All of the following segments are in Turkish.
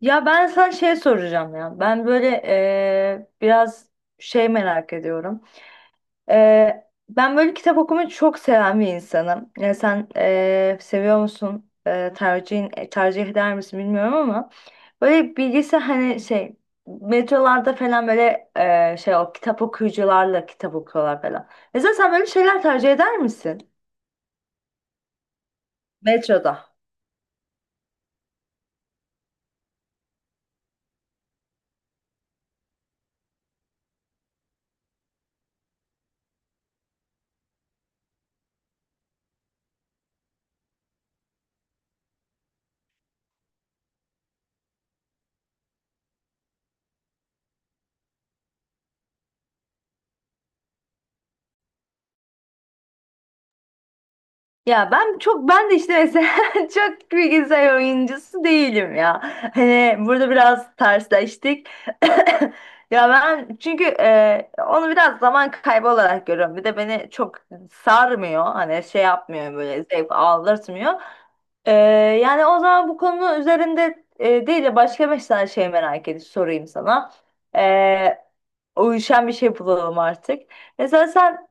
Ya ben sana şey soracağım ya. Ben böyle biraz şey merak ediyorum. Ben böyle kitap okumayı çok seven bir insanım. Yani sen seviyor musun? Tercihin, tercih eder misin bilmiyorum ama böyle bilgisi hani şey metrolarda falan böyle şey o kitap okuyucularla kitap okuyorlar falan. Mesela sen böyle şeyler tercih eder misin? Metroda. Ya ben çok ben de işte mesela çok bilgisayar oyuncusu değilim ya. Hani burada biraz tersleştik. Ya ben çünkü onu biraz zaman kaybı olarak görüyorum. Bir de beni çok sarmıyor. Hani şey yapmıyor böyle zevk aldırtmıyor. E, yani o zaman bu konu üzerinde değil de başka beş tane şey merak edip sorayım sana. E, uyuşan bir şey bulalım artık. Mesela sen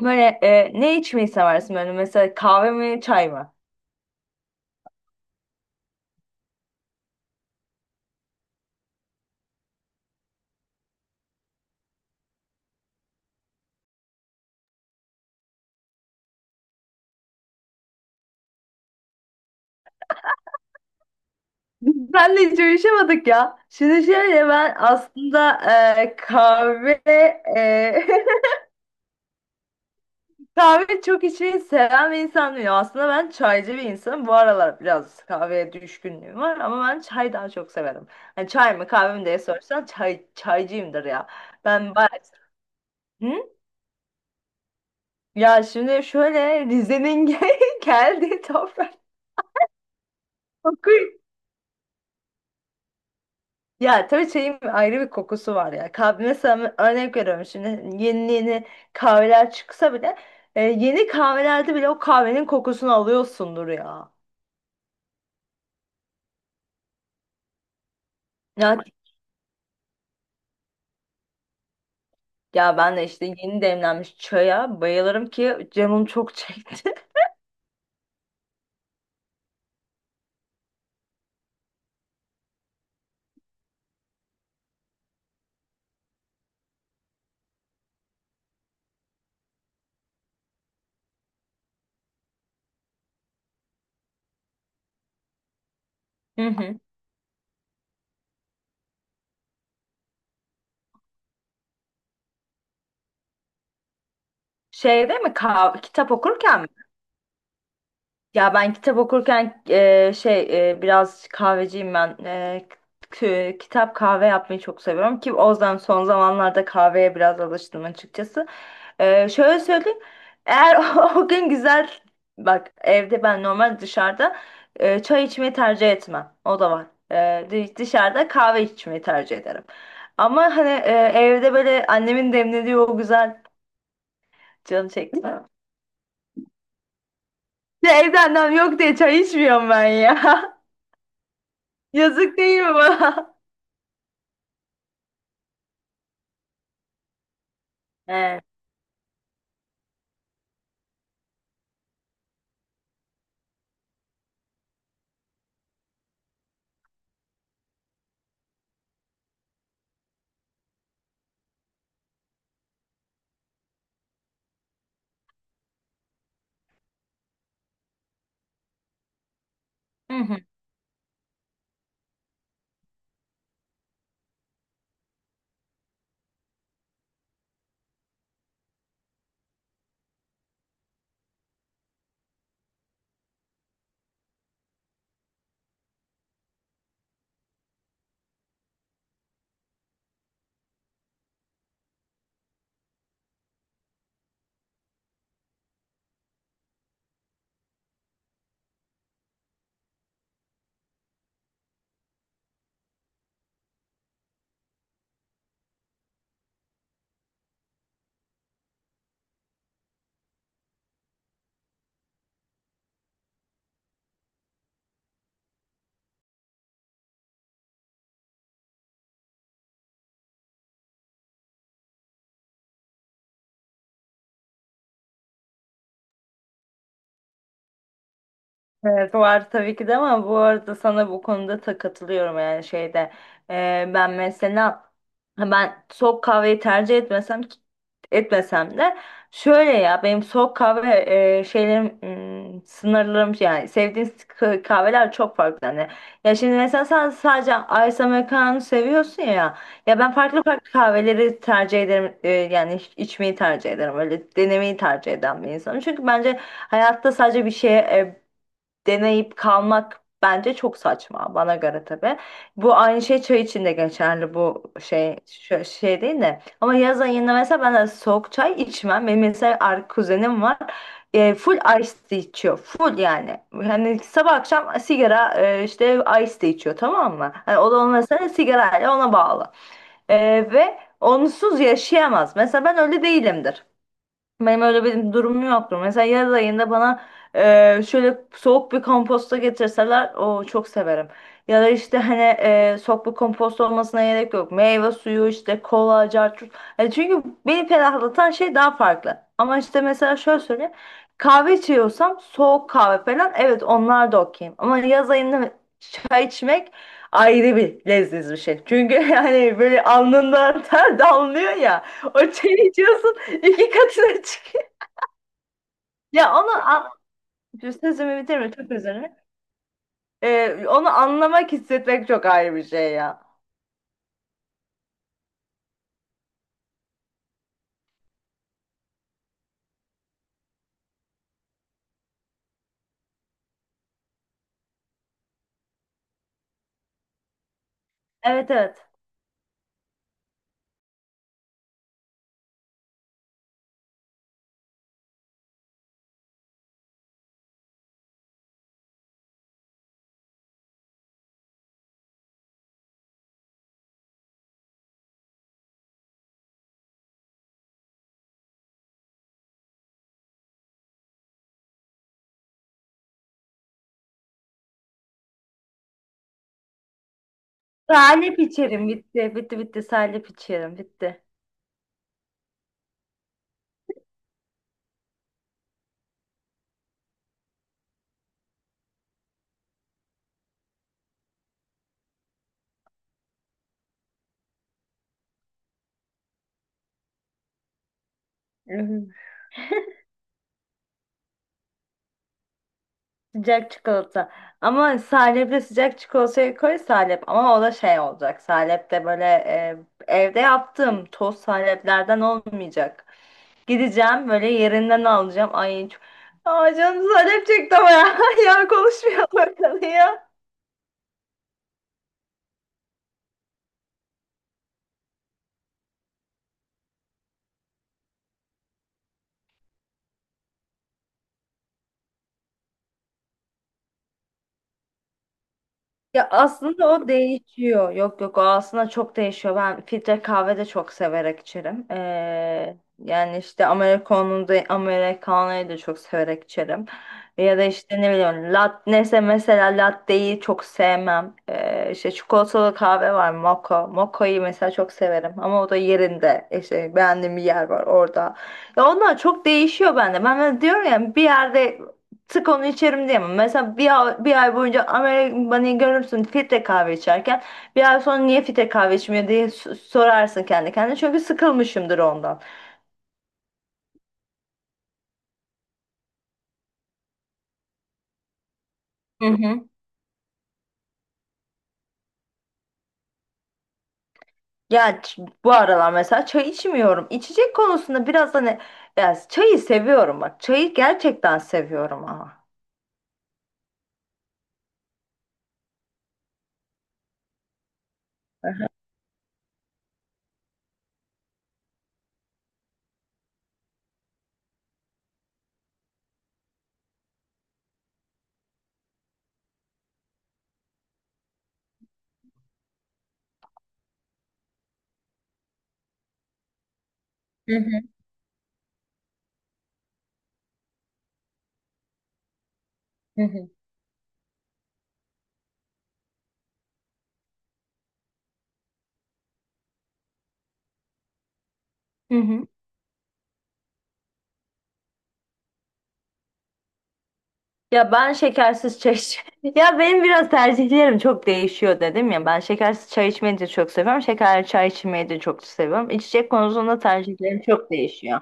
böyle ne içmeyi seversin böyle mesela kahve mi çay mı? Biz Senle hiç uyuşamadık ya. Şimdi şöyle ben aslında e, kahve e, kahve çok içmeyi seven bir insan değilim. Aslında ben çaycı bir insanım. Bu aralar biraz kahveye düşkünlüğüm var ama ben çay daha çok severim. Hani çay mı kahve mi diye sorsan çay, çaycıyımdır ya. Ben ba- Hı? Ya şimdi şöyle Rize'nin gel- geldiği toprak koku. Ya tabii çayın ayrı bir kokusu var ya. Kahve mesela örnek veriyorum şimdi yeni yeni kahveler çıksa bile yeni kahvelerde bile o kahvenin kokusunu alıyorsundur ya. Ya, ya ben de işte yeni demlenmiş çaya bayılırım ki canım çok çekti. Hı hı. Şeyde mi kitap okurken mi? Ya ben kitap okurken biraz kahveciyim ben. Kitap kahve yapmayı çok seviyorum ki o yüzden son zamanlarda kahveye biraz alıştım açıkçası. Şöyle söyleyeyim. Eğer o gün güzel bak evde ben normal dışarıda çay içmeyi tercih etmem. O da var. Dışarıda kahve içmeyi tercih ederim. Ama hani evde böyle annemin demlediği o güzel canım çekti. Ya evde annem yok diye çay içmiyorum ben ya. Yazık değil mi bana? Evet. Hı hı. Evet, var tabii ki de ama bu arada sana bu konuda da katılıyorum yani şeyde. Ben mesela ben soğuk kahveyi tercih etmesem de şöyle ya benim soğuk kahve e, şeylerim sınırlarım yani sevdiğim kahveler çok farklı hani, ya şimdi mesela sen sadece Ice Americano seviyorsun ya, ya ben farklı farklı kahveleri tercih ederim içmeyi tercih ederim öyle denemeyi tercih eden bir insanım çünkü bence hayatta sadece bir şeye deneyip kalmak bence çok saçma bana göre tabii. Bu aynı şey çay için de geçerli bu şey değil de. Ama yaz ayında mesela ben de soğuk çay içmem. Benim mesela kuzenim var. Full ice tea içiyor. Full yani. Hani sabah akşam sigara işte ice tea içiyor tamam mı? Hani o da onun mesela sigarayla ona bağlı. E, ve onsuz yaşayamaz. Mesela ben öyle değilimdir. Benim öyle bir durumum yoktur. Mesela yaz ayında bana şöyle soğuk bir komposta getirseler o çok severim. Ya da işte hani soğuk bir kompost olmasına gerek yok. Meyve suyu işte kola, carçurt. Yani çünkü beni ferahlatan şey daha farklı. Ama işte mesela şöyle söyleyeyim. Kahve içiyorsam soğuk kahve falan evet onlar da okeyim. Ama yaz ayında çay içmek ayrı bir leziz bir şey. Çünkü yani böyle alnından ter damlıyor ya. O çayı içiyorsun. İki katına çıkıyor. Ya onu an... sözümü bitirme çok özür dilerim. Onu anlamak hissetmek çok ayrı bir şey ya. Evet, evet. Salep içerim bitti. Bitti, bitti, salep içerim bitti. Hı hı. Sıcak çikolata. Ama salepli sıcak çikolatayı koy salep. Ama o da şey olacak. Salep de böyle evde yaptığım toz saleplerden olmayacak. Gideceğim böyle yerinden alacağım. Ay çok... Aa, canım salep çekti ama ya. Ya konuşmayalım böyle ya. Ya aslında o değişiyor. Yok, yok, o aslında çok değişiyor. Ben filtre kahve de çok severek içerim. Yani işte Amerikan'ı da Amerikanayı da çok severek içerim. Ya da işte ne bileyim lat neyse mesela latteyi çok sevmem. İşte çikolatalı kahve var mocha. Mocha'yı mesela çok severim ama o da yerinde. İşte beğendiğim bir yer var orada. Ya onlar çok değişiyor bende. Ben diyorum ya bir yerde sık onu içerim diyemem. Mesela bir ay, bir ay boyunca Amerikan Bunny'i görürsün filtre kahve içerken. Bir ay sonra niye filtre kahve içmiyor diye sorarsın kendi kendine. Çünkü sıkılmışımdır ondan. Hı hı. Bu aralar mesela çay içmiyorum. İçecek konusunda biraz hani, ya çayı seviyorum bak. Çayı gerçekten seviyorum ama. Hı hı. Hı hı. Hı hı. Ya ben şekersiz çay ya benim biraz tercihlerim çok değişiyor dedim ya. Ben şekersiz çay içmeyi de çok seviyorum. Şekerli çay içmeyi de çok seviyorum. İçecek konusunda tercihlerim çok değişiyor.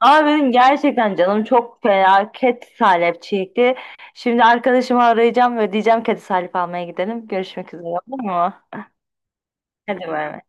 Ama benim gerçekten canım çok felaket salep çekti. Şimdi arkadaşımı arayacağım ve diyeceğim ki hadi salep almaya gidelim. Görüşmek üzere olur mu? Hadi bay bay.